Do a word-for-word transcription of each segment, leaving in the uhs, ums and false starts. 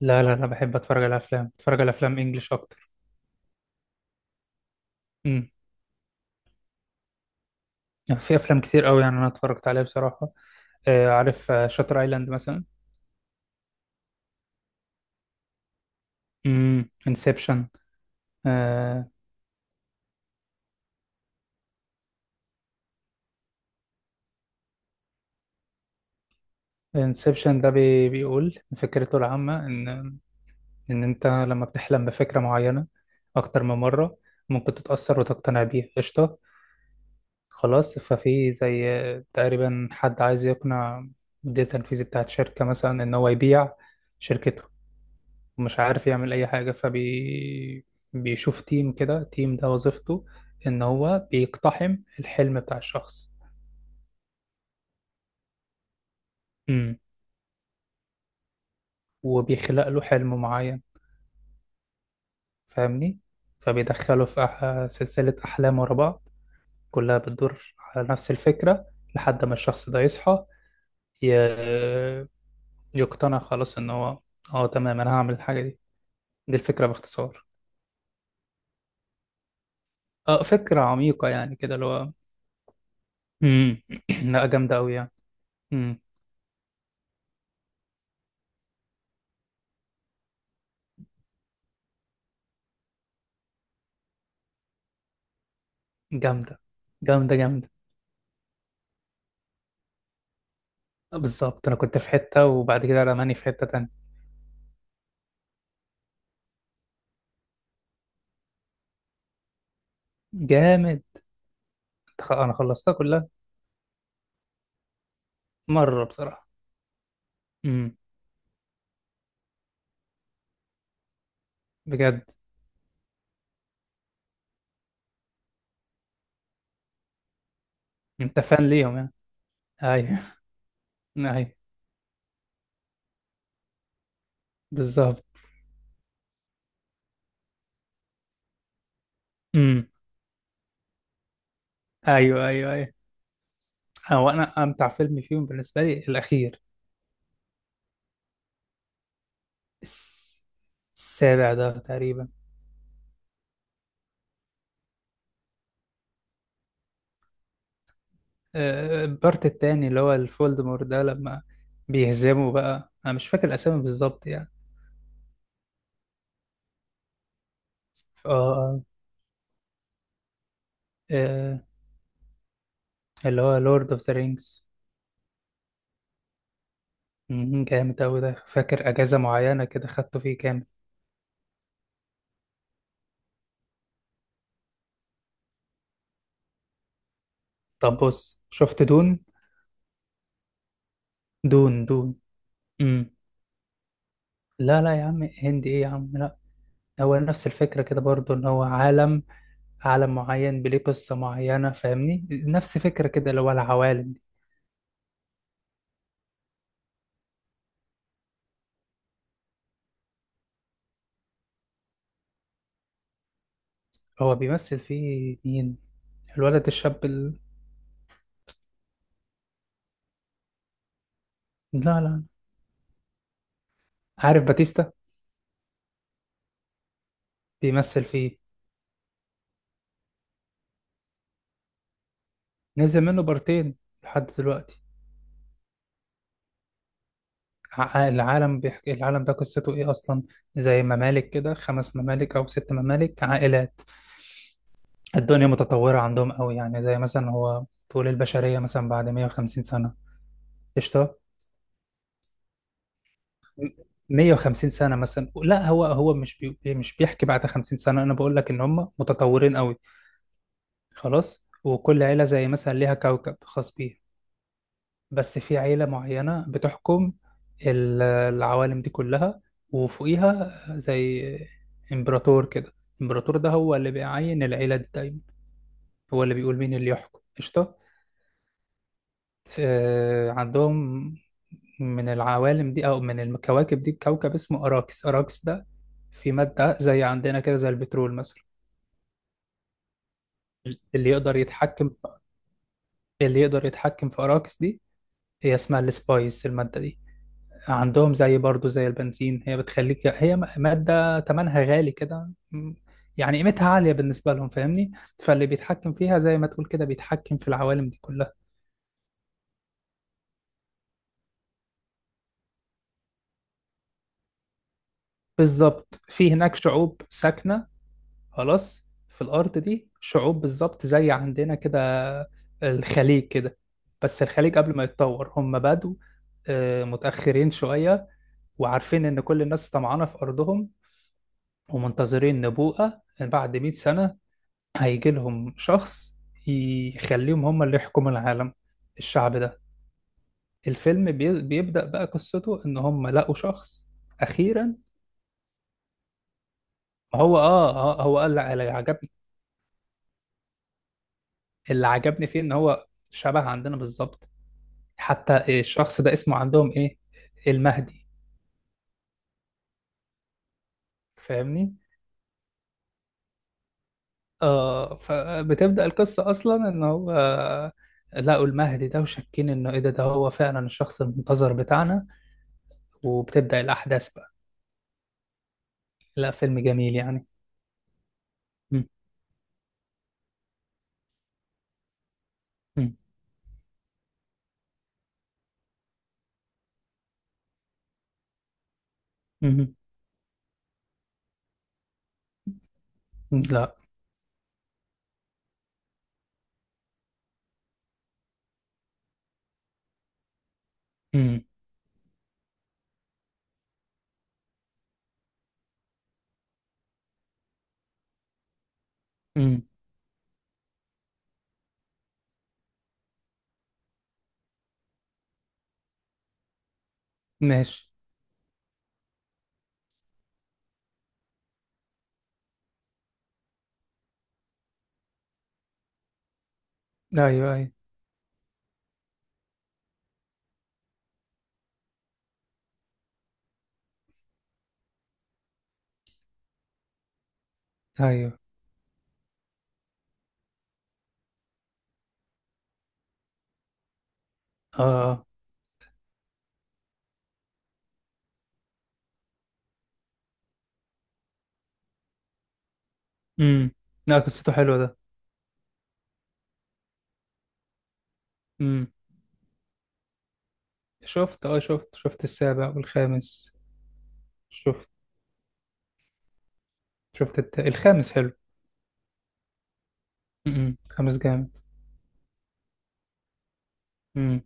لا لا انا بحب اتفرج على افلام. اتفرج على افلام انجليش اكتر. امم يعني في افلام كتير قوي، يعني انا اتفرجت عليها بصراحه. آه عارف آه، شاتر ايلاند مثلا. امم انسبشن. آه انسبشن ده بي بيقول فكرته العامه ان ان انت لما بتحلم بفكره معينه اكتر من مره ممكن تتاثر وتقتنع بيها. قشطه. خلاص، ففي زي، آه، تقريبا، حد عايز يقنع مدير التنفيذي بتاعت شركه مثلا ان هو يبيع شركته. مش عارف يعمل اي حاجه، فبي بيشوف تيم كده. تيم ده وظيفته ان هو بيقتحم الحلم بتاع الشخص. امم وبيخلق له حلم معين، فاهمني. فبيدخله في أح... سلسله احلام ورا بعض، كلها بتدور على نفس الفكره، لحد ما الشخص ده يصحى، ي... يقتنع خلاص ان هو، اه تمام انا هعمل الحاجه دي. دي الفكره باختصار. اه، فكره عميقه يعني كده اللي هو. امم لا، جامده قوي يعني. امم جامده. جامده جامده. آه، بالظبط، انا كنت في حته وبعد كده رماني في حته تانية. جامد. خ- انا خلصتها كلها. مره بصراحه. امم بجد. انت فان ليهم يعني. ايوه. ايوه بالظبط. امم ايوه ايوه ايوه. هو انا امتع فيلم فيهم بالنسبه لي الاخير. الس- السابع ده تقريبا. آه، البارت التاني اللي هو الفولدمور ده، لما بيهزموا بقى، انا مش فاكر الاسامي بالظبط يعني. ف- اه آه، آه، اللي هو لورد اوف ذا رينجز. مم، جامد أوي ده، فاكر أجازة معينة كده خدته فيه كامل. طب بص، شفت دون؟ دون. دون. مم. لا لا يا عم، هندي إيه يا عم، لا. هو نفس الفكرة كده برضو إن هو عالم، عالم معين بليه قصة معينة، فاهمني، نفس فكرة كده اللي هو العوالم دي. هو بيمثل فيه مين؟ الولد الشاب ال... لا لا. عارف باتيستا؟ بيمثل فيه. نزل منه بارتين لحد دلوقتي. ع- العالم بيحكي. العالم ده قصته ايه اصلا؟ زي ممالك كده، خمس ممالك او ست ممالك، عائلات. الدنيا متطورة عندهم قوي، يعني زي مثلا هو طول البشرية مثلا بعد 150 سنة. قشطة. م- 150 سنة مثلا، لا، هو هو مش بي إيه، مش بيحكي بعد 50 سنة، انا بقول لك ان هم متطورين قوي. خلاص، وكل عيلة زي مثلا ليها كوكب خاص بيها. بس في عيلة معينة بتحكم ال- العوالم دي كلها، وفوقيها زي إمبراطور كده. الإمبراطور ده هو اللي بيعين العيلة دي دايما، هو اللي بيقول مين اللي يحكم. قشطة. ف- عندهم من العوالم دي أو من الكواكب دي كوكب اسمه أراكس. أراكس ده في مادة زي عندنا كده زي البترول مثلا. اللي يقدر يتحكم في اللي يقدر يتحكم في أراكس دي، هي اسمها السبايس، المادة دي عندهم زي برضو زي البنزين، هي بتخليك، هي م- مادة تمنها غالي كده، م- يعني قيمتها عالية بالنسبة لهم، فاهمني. فاللي بيتحكم فيها زي ما تقول كده بيتحكم في العوالم دي كلها. بالظبط. في هناك شعوب ساكنة، خلاص، في الأرض دي شعوب بالظبط زي عندنا كده، الخليج كده، بس الخليج قبل ما يتطور، هم بدوا، آه، متأخرين شوية، وعارفين إن كل الناس طمعانة في أرضهم، ومنتظرين نبوءة بعد 100 سنة هيجي لهم شخص يخليهم هم اللي يحكموا العالم، الشعب ده. الفيلم بي- بيبدأ بقى قصته ان هم لقوا شخص اخيرا. هو اه آه، هو قال اللي عجبني. اللي عجبني فيه ان هو شبه عندنا بالظبط. حتى الشخص ده اسمه عندهم ايه؟ المهدي. فاهمني. اه فبتبدأ القصة اصلا ان هو لقوا المهدي ده، وشاكين انه ايه، ده ده هو فعلا الشخص المنتظر بتاعنا. وبتبدأ الاحداث بقى. لا، فيلم جميل يعني. م- م. مم. لا. مم. مم. ماشي. ايوه ايوه ايوه. اه. امم لا، قصته حلوه ده. امم شفت. اه شفت شفت السابع والخامس. شفت شفت الت... الخامس حلو. امم الخامس جامد. امم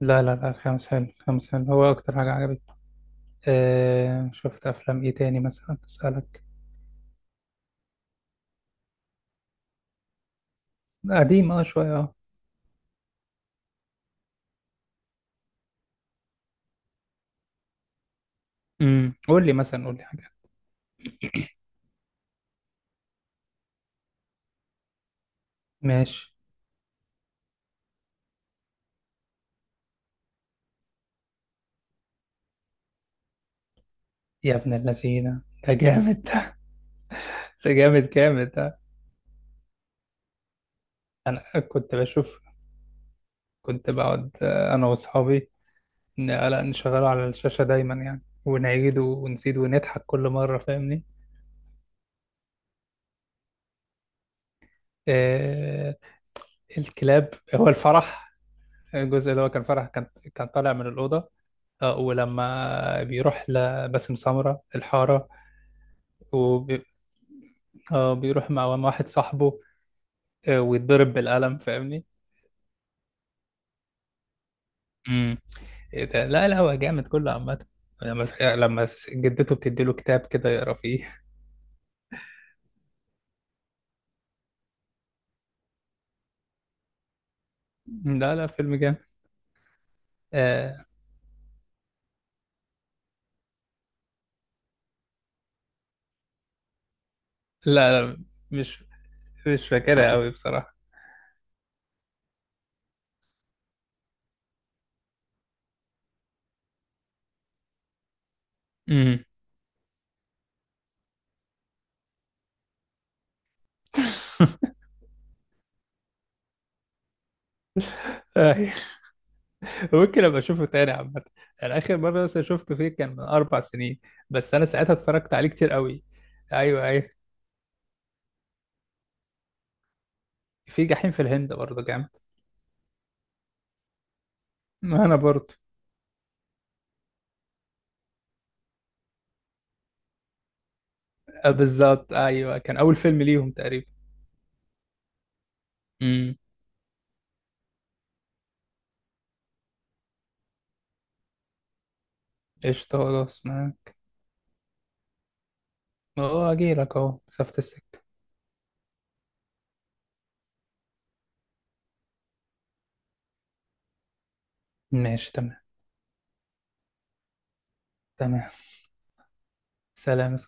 لا لا لا، الخامس حلو، الخامس حلو، هو اكتر حاجه عجبتني. آه شفت افلام ايه تاني مثلا، اسالك. قديم اه شويه اه امم قول لي مثلا، قول لي حاجه. ماشي. يا ابن اللذينه، ده جامد. ده جامد جامد ده. انا كنت بشوف كنت بقعد، آه، أنا وأصحابي، ن- لا، نشغله على الشاشة دايما يعني، ونعيد ونزيد ونضحك كل مرة، فاهمني. آه الكلاب هو الفرح. الجزء اللي هو كان فرح، كان كان طالع من الأوضة. آه ولما بيروح لباسم سمرة الحارة. وبي... آه بيروح مع مع واحد صاحبه. آه ويتضرب بالقلم، فاهمني. امم إيه ده، لا لا، هو جامد كله عامة. لما لما جدته بتديله كتاب كده يقرا فيه. لا لا، فيلم جامد. آه لا لا، مش مش فاكرها قوي بصراحة. امم آه، ممكن ابقى اشوفه تاني عامة. انا اخر مرة مثلا شفته فيه كان من اربع سنين، بس انا ساعتها اتفرجت عليه كتير قوي. ايوه ايوه. في جحيم في الهند برضه جامد. ما انا برضه. آه بالظبط، ايوه، كان اول فيلم ليهم تقريبا. امم قشطة، خلاص، معاك. اه، اجيلك اهو مسافة السكة. ماشي تمام. تمام. سلام.